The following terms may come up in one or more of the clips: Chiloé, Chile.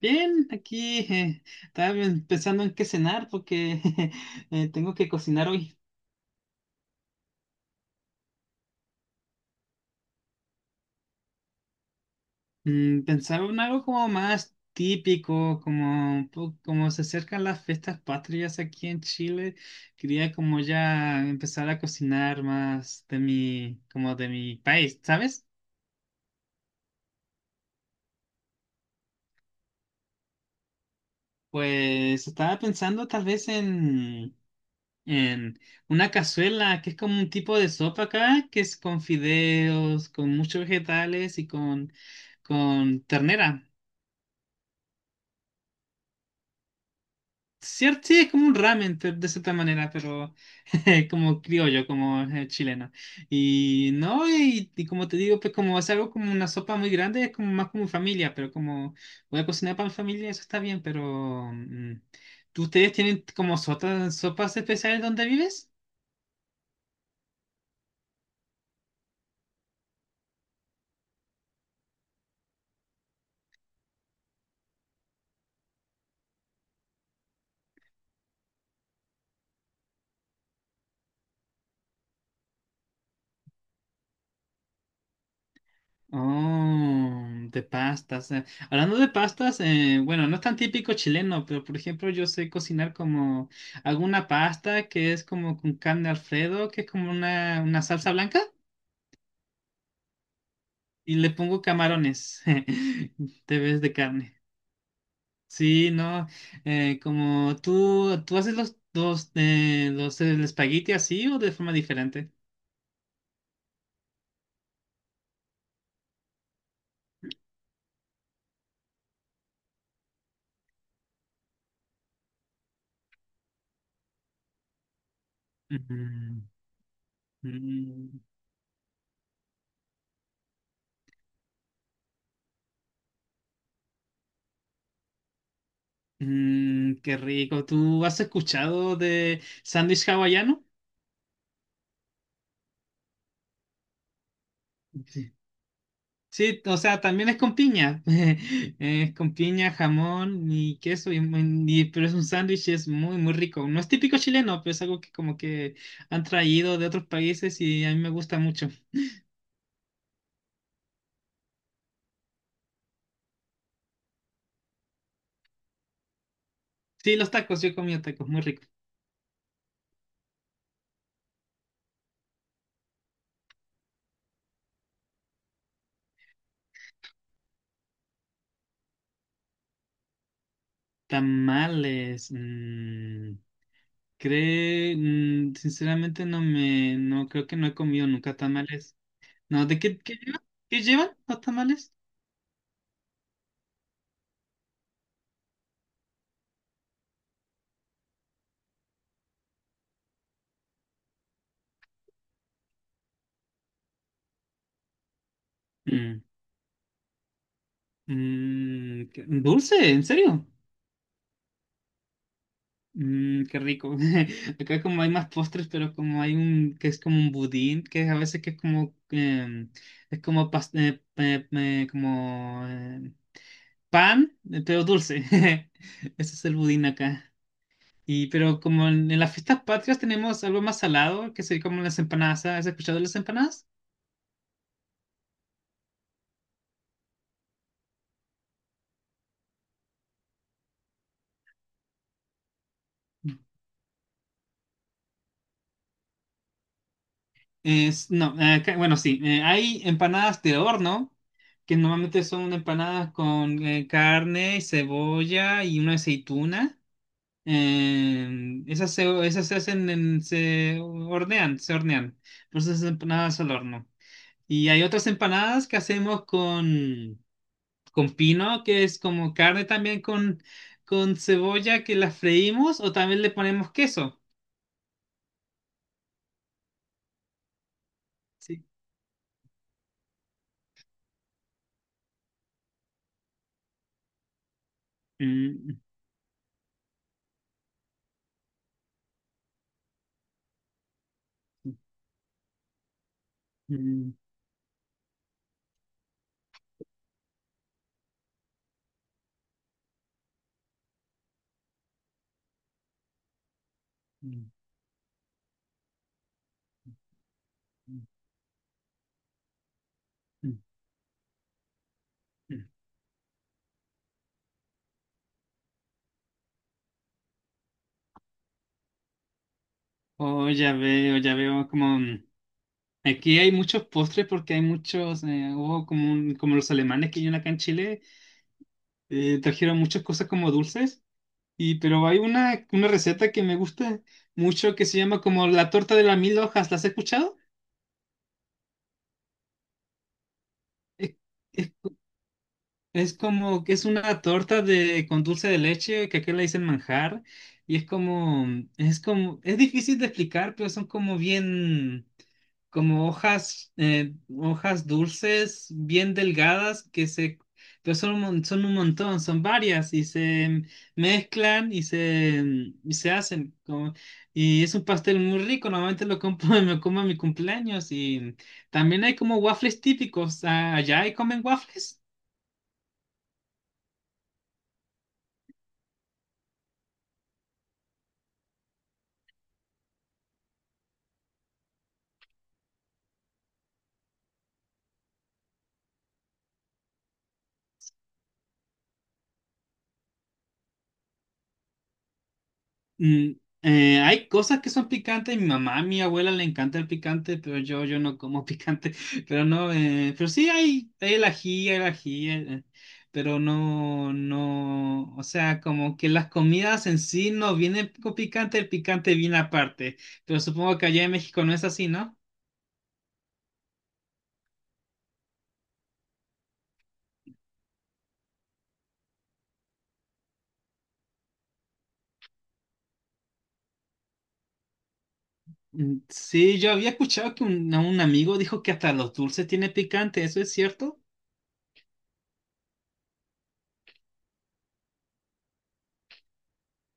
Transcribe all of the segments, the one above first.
Bien, aquí estaba bien pensando en qué cenar, porque tengo que cocinar hoy. Pensaba en algo como más típico, como, como se acercan las fiestas patrias aquí en Chile. Quería como ya empezar a cocinar más de mi, como de mi país, ¿sabes? Pues estaba pensando tal vez en una cazuela, que es como un tipo de sopa acá, que es con fideos, con muchos vegetales y con ternera. Cierto, sí, es como un ramen de cierta manera, pero como criollo, como chileno. Y no, y como te digo, pues como es algo como una sopa muy grande, es como más como familia, pero como voy a cocinar para mi familia, eso está bien. Pero ¿ustedes tienen como sopas especiales donde vives? Oh, de pastas. Hablando de pastas, bueno, no es tan típico chileno, pero por ejemplo yo sé cocinar como alguna pasta que es como con carne Alfredo, que es como una salsa blanca, y le pongo camarones te ves de carne. Sí, no, como tú haces los el espagueti así o de forma diferente. Mm, mm, Qué rico. ¿Tú has escuchado de sándwich hawaiano? Sí. Sí, o sea, también es con piña. Es con piña, jamón y queso, pero es un sándwich y es muy, muy rico. No es típico chileno, pero es algo que como que han traído de otros países y a mí me gusta mucho. Sí, los tacos, yo he comido tacos, muy rico. Tamales, sinceramente no creo que no he comido nunca tamales. No, ¿de qué, llevan? ¿Qué llevan los tamales? Mm, ¿Dulce, en serio? Qué rico. Acá como hay más postres, pero como hay un que es como un budín, que a veces que es es como pan, pero dulce. Ese es el budín acá. Y pero como en las fiestas patrias tenemos algo más salado, que sería como las empanadas. ¿Has escuchado de las empanadas? No, bueno, sí. Hay empanadas de horno, que normalmente son empanadas con carne, cebolla y una aceituna. Esas se hacen se hornean, se hornean. Por eso esas empanadas al horno. Y hay otras empanadas que hacemos con, pino, que es como carne también con cebolla, que la freímos, o también le ponemos queso. Sí. Mm, mm, mm, mm, mm, mm. Oh, ya veo aquí hay muchos postres porque hay muchos, hubo como los alemanes que hay acá en Chile, trajeron muchas cosas como dulces. Y pero hay una receta que me gusta mucho, que se llama como la torta de las mil hojas. ¿Las has escuchado? Es, es Es como que es una torta de con dulce de leche, que aquí le dicen manjar, y es como es difícil de explicar, pero son como bien como hojas hojas dulces bien delgadas que se, pero son son un montón, son varias, y se mezclan y se hacen como, y es un pastel muy rico, normalmente lo compro y me como en mi cumpleaños. Y también hay como waffles típicos. ¿Allá y comen waffles? Mm, Hay cosas que son picantes. Mi mamá, a mi abuela le encanta el picante, pero yo no como picante. Pero no, pero sí hay el ají, pero no, no. O sea, como que las comidas en sí no vienen con picante, el picante viene aparte. Pero supongo que allá en México no es así, ¿no? Mm, sí, yo había escuchado que un amigo dijo que hasta los dulces tienen picante. ¿Eso es cierto?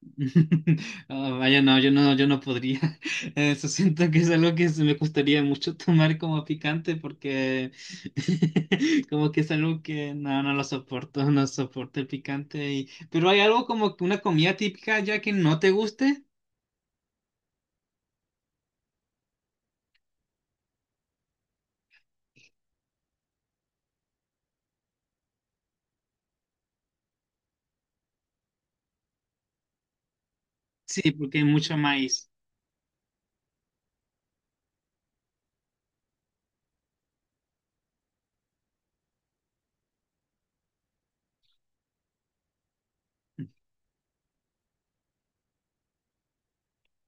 Ah, vaya, no, yo no, yo no podría. Eso siento que es algo que se me gustaría mucho tomar como picante, porque como que es algo que no, no lo soporto, no soporto el picante. Y... Pero hay algo como que una comida típica ya que no te guste. Sí, porque hay mucho maíz.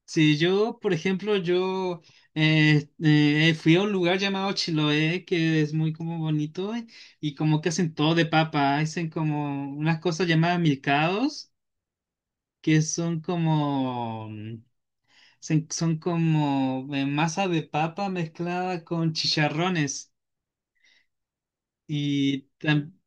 Sí, yo, por ejemplo, yo fui a un lugar llamado Chiloé, que es muy como bonito, y como que hacen todo de papa, hacen como unas cosas llamadas milcaos, que son como, son como masa de papa mezclada con chicharrones. Y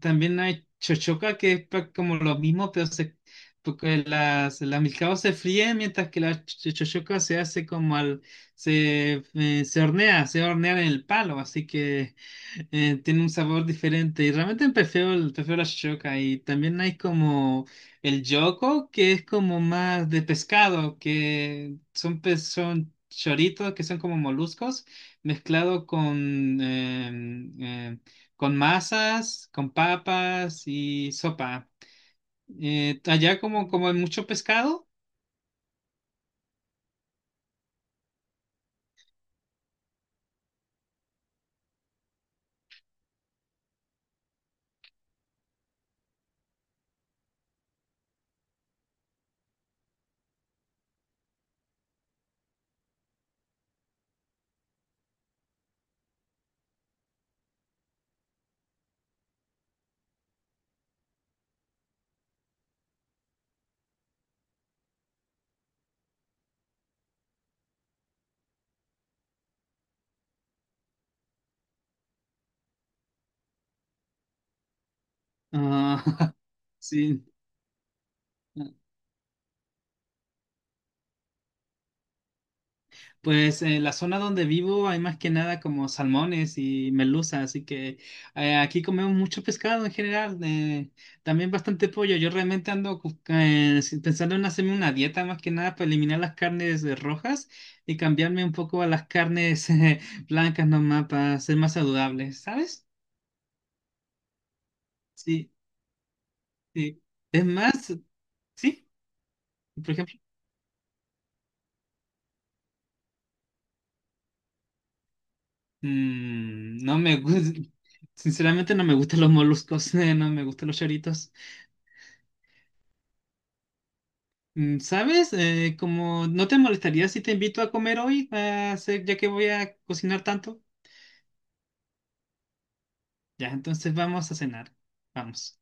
también hay chochoca, que es como lo mismo, pero porque las milcaos se fríen, mientras que la chochoca se hace como se hornea en el palo, así que tiene un sabor diferente. Y realmente prefiero la chochoca. Y también hay como el yoco, que es como más de pescado, que son, son choritos, que son como moluscos mezclado con con masas, con papas y sopa. Allá como, como hay mucho pescado. Ah, sí. Pues en la zona donde vivo hay más que nada como salmones y merluza, así que aquí comemos mucho pescado en general, también bastante pollo. Yo realmente ando sí, pensando en hacerme una dieta más que nada para eliminar las carnes rojas y cambiarme un poco a las carnes blancas nomás, para ser más saludables, ¿sabes? Sí. Sí. Es más, sí, por ejemplo, no me gusta, sinceramente no me gustan los moluscos, no me gustan los choritos. ¿Sabes? Como no te molestaría si te invito a comer hoy, ya que voy a cocinar tanto. Ya, entonces vamos a cenar. Vamos.